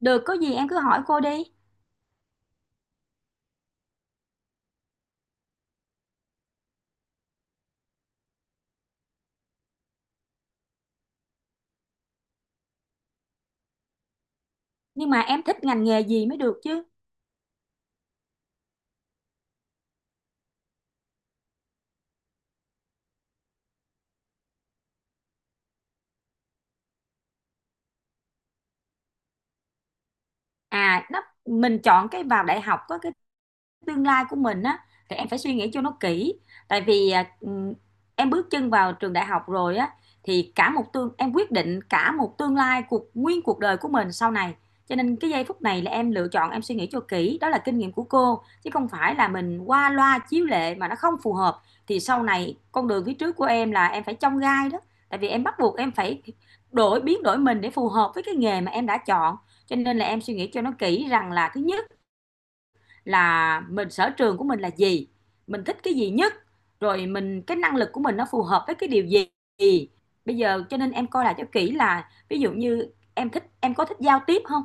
Được, có gì em cứ hỏi cô đi. Nhưng mà em thích ngành nghề gì mới được chứ. À, đó, mình chọn cái vào đại học có cái tương lai của mình á thì em phải suy nghĩ cho nó kỹ. Tại vì em bước chân vào trường đại học rồi á thì cả một tương em quyết định cả một tương lai cuộc đời của mình sau này. Cho nên cái giây phút này là em lựa chọn, em suy nghĩ cho kỹ, đó là kinh nghiệm của cô, chứ không phải là mình qua loa chiếu lệ mà nó không phù hợp thì sau này con đường phía trước của em là em phải chông gai đó. Tại vì em bắt buộc em phải biến đổi mình để phù hợp với cái nghề mà em đã chọn. Cho nên là em suy nghĩ cho nó kỹ, rằng là thứ nhất là sở trường của mình là gì, mình thích cái gì nhất, rồi cái năng lực của mình nó phù hợp với cái điều gì. Bây giờ cho nên em coi lại cho kỹ là ví dụ như em thích em có thích giao tiếp không?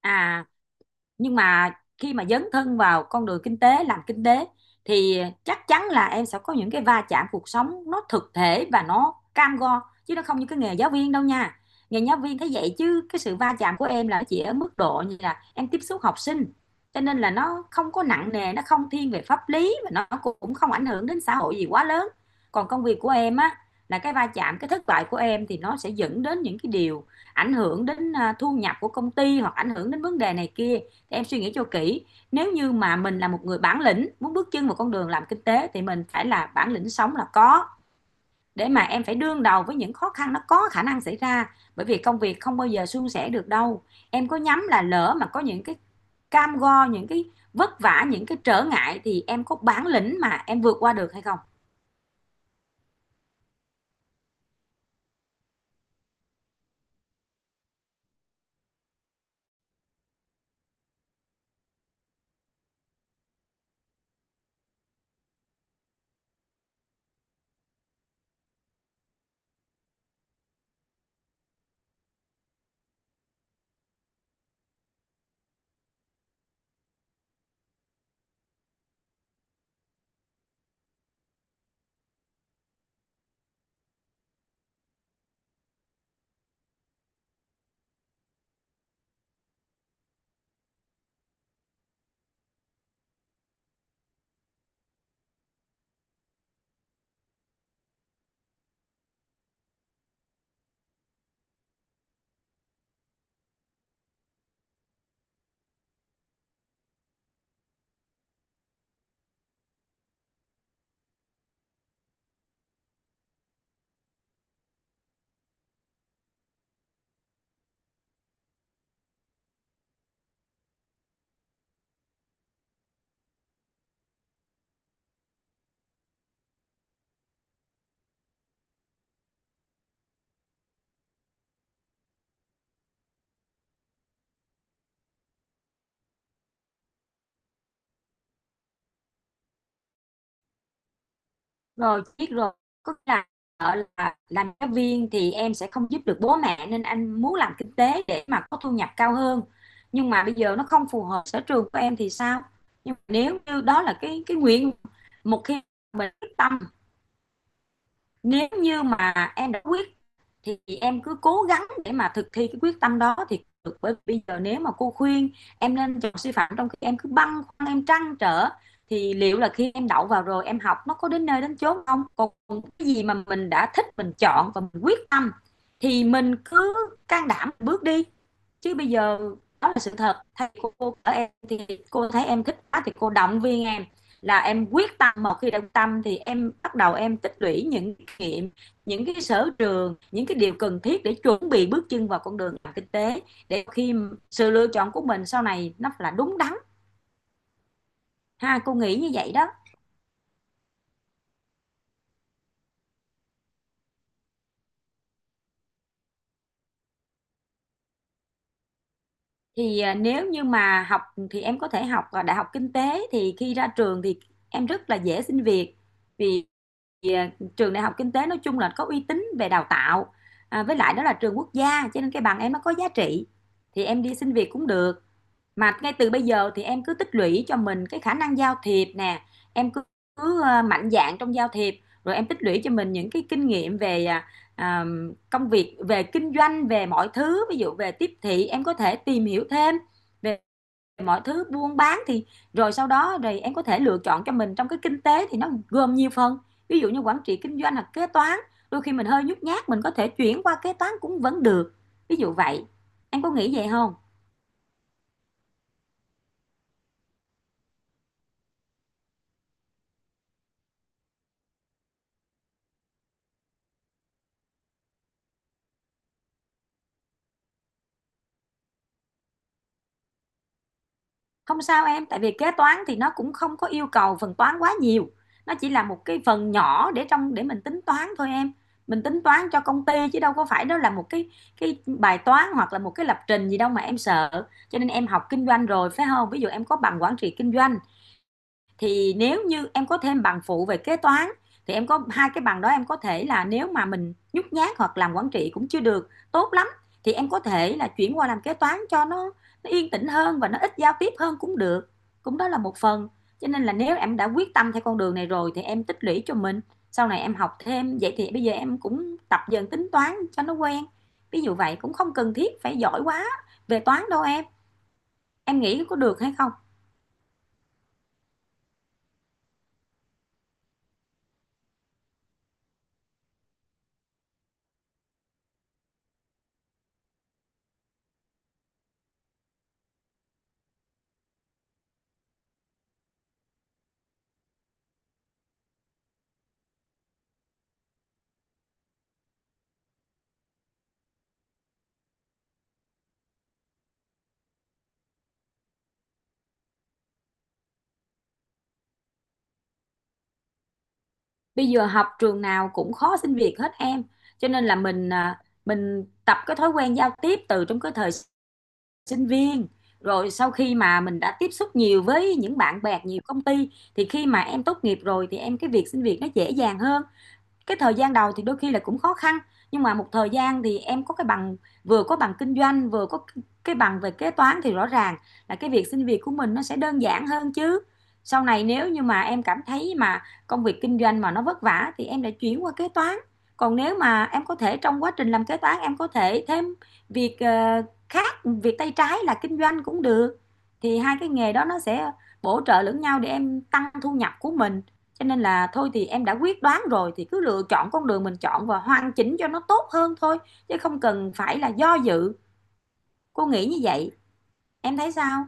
À, nhưng mà khi mà dấn thân vào con đường kinh tế, làm kinh tế thì chắc chắn là em sẽ có những cái va chạm cuộc sống, nó thực thể và nó cam go chứ nó không như cái nghề giáo viên đâu nha. Nghề giáo viên thế vậy chứ cái sự va chạm của em là chỉ ở mức độ như là em tiếp xúc học sinh, cho nên là nó không có nặng nề, nó không thiên về pháp lý và nó cũng không ảnh hưởng đến xã hội gì quá lớn. Còn công việc của em á, là cái va chạm, cái thất bại của em thì nó sẽ dẫn đến những cái điều ảnh hưởng đến thu nhập của công ty hoặc ảnh hưởng đến vấn đề này kia. Em suy nghĩ cho kỹ, nếu như mà mình là một người bản lĩnh, muốn bước chân vào con đường làm kinh tế thì mình phải là bản lĩnh sống là có, để mà em phải đương đầu với những khó khăn nó có khả năng xảy ra, bởi vì công việc không bao giờ suôn sẻ được đâu. Em có nhắm là lỡ mà có những cái cam go, những cái vất vả, những cái trở ngại thì em có bản lĩnh mà em vượt qua được hay không? Rồi, biết rồi, có nghĩa là là làm giáo viên thì em sẽ không giúp được bố mẹ nên anh muốn làm kinh tế để mà có thu nhập cao hơn. Nhưng mà bây giờ nó không phù hợp sở trường của em thì sao? Nhưng mà nếu như đó là cái nguyện, một khi mình quyết tâm, nếu như mà em đã quyết thì em cứ cố gắng để mà thực thi cái quyết tâm đó thì được. Bởi vì bây giờ nếu mà cô khuyên em nên chọn sư phạm trong khi em cứ băn khoăn, em trăn trở thì liệu là khi em đậu vào rồi em học nó có đến nơi đến chốn không. Còn cái gì mà mình đã thích, mình chọn và mình quyết tâm thì mình cứ can đảm bước đi. Chứ bây giờ đó là sự thật, thầy cô ở em thì cô thấy em thích quá thì cô động viên em là em quyết tâm, một khi đã tâm thì em bắt đầu em tích lũy những kinh nghiệm, những cái sở trường, những cái điều cần thiết để chuẩn bị bước chân vào con đường làm kinh tế, để khi sự lựa chọn của mình sau này nó là đúng đắn. Ha, cô nghĩ như vậy đó. Thì nếu như mà học thì em có thể học đại học kinh tế, thì khi ra trường thì em rất là dễ xin việc. Vì à, trường đại học kinh tế nói chung là có uy tín về đào tạo, à, với lại đó là trường quốc gia, cho nên cái bằng em nó có giá trị thì em đi xin việc cũng được. Mà ngay từ bây giờ thì em cứ tích lũy cho mình cái khả năng giao thiệp nè, em cứ, cứ mạnh dạn trong giao thiệp, rồi em tích lũy cho mình những cái kinh nghiệm về à, công việc, về kinh doanh, về mọi thứ, ví dụ về tiếp thị, em có thể tìm hiểu thêm về mọi thứ buôn bán. Thì rồi sau đó rồi em có thể lựa chọn cho mình, trong cái kinh tế thì nó gồm nhiều phần, ví dụ như quản trị kinh doanh hoặc kế toán, đôi khi mình hơi nhút nhát mình có thể chuyển qua kế toán cũng vẫn được, ví dụ vậy. Em có nghĩ vậy không? Không sao em, tại vì kế toán thì nó cũng không có yêu cầu phần toán quá nhiều. Nó chỉ là một cái phần nhỏ để để mình tính toán thôi em. Mình tính toán cho công ty chứ đâu có phải đó là một cái bài toán hoặc là một cái lập trình gì đâu mà em sợ. Cho nên em học kinh doanh rồi phải không? Ví dụ em có bằng quản trị kinh doanh, thì nếu như em có thêm bằng phụ về kế toán thì em có hai cái bằng đó, em có thể là nếu mà mình nhút nhát hoặc làm quản trị cũng chưa được tốt lắm thì em có thể là chuyển qua làm kế toán cho nó yên tĩnh hơn và nó ít giao tiếp hơn cũng được. Cũng đó là một phần. Cho nên là nếu em đã quyết tâm theo con đường này rồi thì em tích lũy cho mình. Sau này em học thêm vậy thì bây giờ em cũng tập dần tính toán cho nó quen. Ví dụ vậy, cũng không cần thiết phải giỏi quá về toán đâu em. Em nghĩ có được hay không? Bây giờ học trường nào cũng khó xin việc hết em, cho nên là mình mình tập cái thói quen giao tiếp từ trong cái thời sinh viên, rồi sau khi mà mình đã tiếp xúc nhiều với những bạn bè, nhiều công ty thì khi mà em tốt nghiệp rồi thì cái việc xin việc nó dễ dàng hơn. Cái thời gian đầu thì đôi khi là cũng khó khăn, nhưng mà một thời gian thì em có cái bằng, vừa có bằng kinh doanh, vừa có cái bằng về kế toán thì rõ ràng là cái việc xin việc của mình nó sẽ đơn giản hơn chứ. Sau này nếu như mà em cảm thấy mà công việc kinh doanh mà nó vất vả thì em lại chuyển qua kế toán. Còn nếu mà em có thể trong quá trình làm kế toán, em có thể thêm việc, khác, việc tay trái là kinh doanh cũng được, thì hai cái nghề đó nó sẽ bổ trợ lẫn nhau để em tăng thu nhập của mình. Cho nên là thôi thì em đã quyết đoán rồi thì cứ lựa chọn con đường mình chọn và hoàn chỉnh cho nó tốt hơn thôi, chứ không cần phải là do dự. Cô nghĩ như vậy, em thấy sao?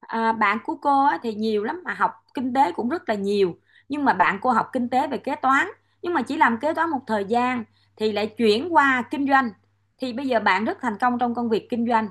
À, bạn của cô thì nhiều lắm mà học kinh tế cũng rất là nhiều, nhưng mà bạn cô học kinh tế về kế toán, nhưng mà chỉ làm kế toán một thời gian thì lại chuyển qua kinh doanh. Thì bây giờ bạn rất thành công trong công việc kinh doanh.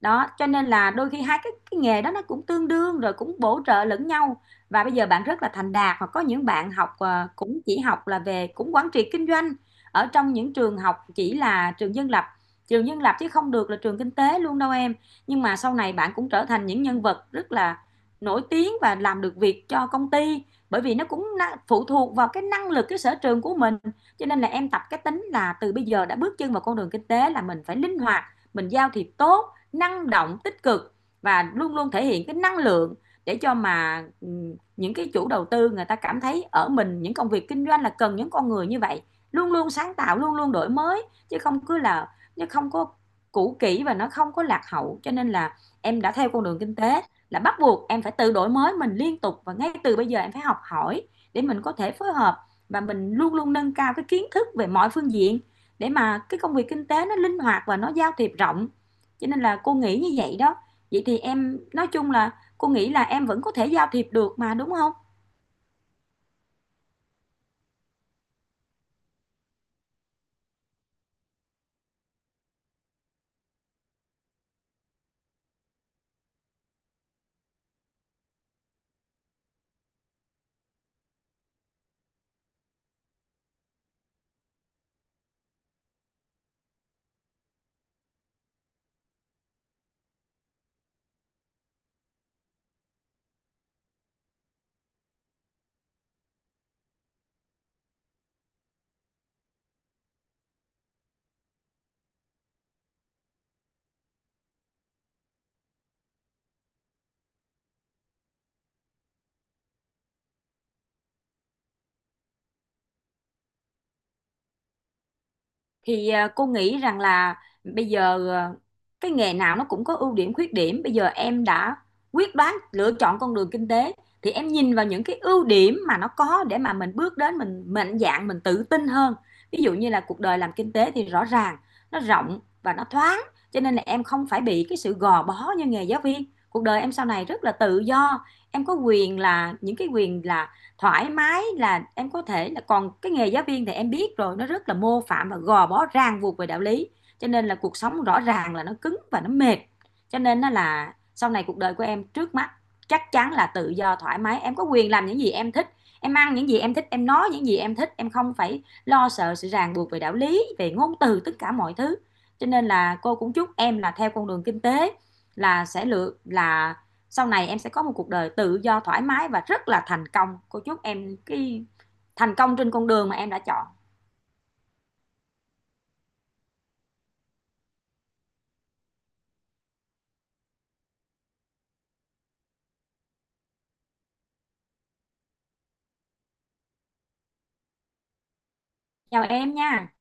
Đó, cho nên là đôi khi hai cái nghề đó nó cũng tương đương rồi cũng bổ trợ lẫn nhau. Và bây giờ bạn rất là thành đạt, hoặc có những bạn học, cũng chỉ học là về cũng quản trị kinh doanh ở trong những trường học chỉ là trường dân lập chứ không được là trường kinh tế luôn đâu em. Nhưng mà sau này bạn cũng trở thành những nhân vật rất là nổi tiếng và làm được việc cho công ty, bởi vì nó cũng phụ thuộc vào cái năng lực, cái sở trường của mình. Cho nên là em tập cái tính là từ bây giờ đã bước chân vào con đường kinh tế là mình phải linh hoạt, mình giao thiệp tốt, năng động tích cực và luôn luôn thể hiện cái năng lượng để cho mà ừ, những cái chủ đầu tư người ta cảm thấy ở mình những công việc kinh doanh là cần những con người như vậy, luôn luôn sáng tạo, luôn luôn đổi mới, chứ không cứ là chứ không có cũ kỹ và nó không có lạc hậu. Cho nên là em đã theo con đường kinh tế là bắt buộc em phải tự đổi mới mình liên tục và ngay từ bây giờ em phải học hỏi để mình có thể phối hợp và mình luôn luôn nâng cao cái kiến thức về mọi phương diện, để mà cái công việc kinh tế nó linh hoạt và nó giao thiệp rộng, cho nên là cô nghĩ như vậy đó. Vậy thì em nói chung là cô nghĩ là em vẫn có thể giao thiệp được mà, đúng không? Thì cô nghĩ rằng là bây giờ cái nghề nào nó cũng có ưu điểm khuyết điểm, bây giờ em đã quyết đoán lựa chọn con đường kinh tế thì em nhìn vào những cái ưu điểm mà nó có để mà mình bước đến, mình mạnh dạn, mình tự tin hơn. Ví dụ như là cuộc đời làm kinh tế thì rõ ràng nó rộng và nó thoáng, cho nên là em không phải bị cái sự gò bó như nghề giáo viên. Cuộc đời em sau này rất là tự do, em có quyền là những cái quyền là thoải mái là em có thể là. Còn cái nghề giáo viên thì em biết rồi, nó rất là mô phạm và gò bó ràng buộc về đạo lý, cho nên là cuộc sống rõ ràng là nó cứng và nó mệt. Cho nên nó là sau này cuộc đời của em trước mắt chắc chắn là tự do thoải mái, em có quyền làm những gì em thích, em ăn những gì em thích, em nói những gì em thích, em không phải lo sợ sự ràng buộc về đạo lý, về ngôn từ, tất cả mọi thứ. Cho nên là cô cũng chúc em là theo con đường kinh tế là sẽ lựa là sau này em sẽ có một cuộc đời tự do thoải mái và rất là thành công. Cô chúc em thành công trên con đường mà em đã chọn. Chào em nha.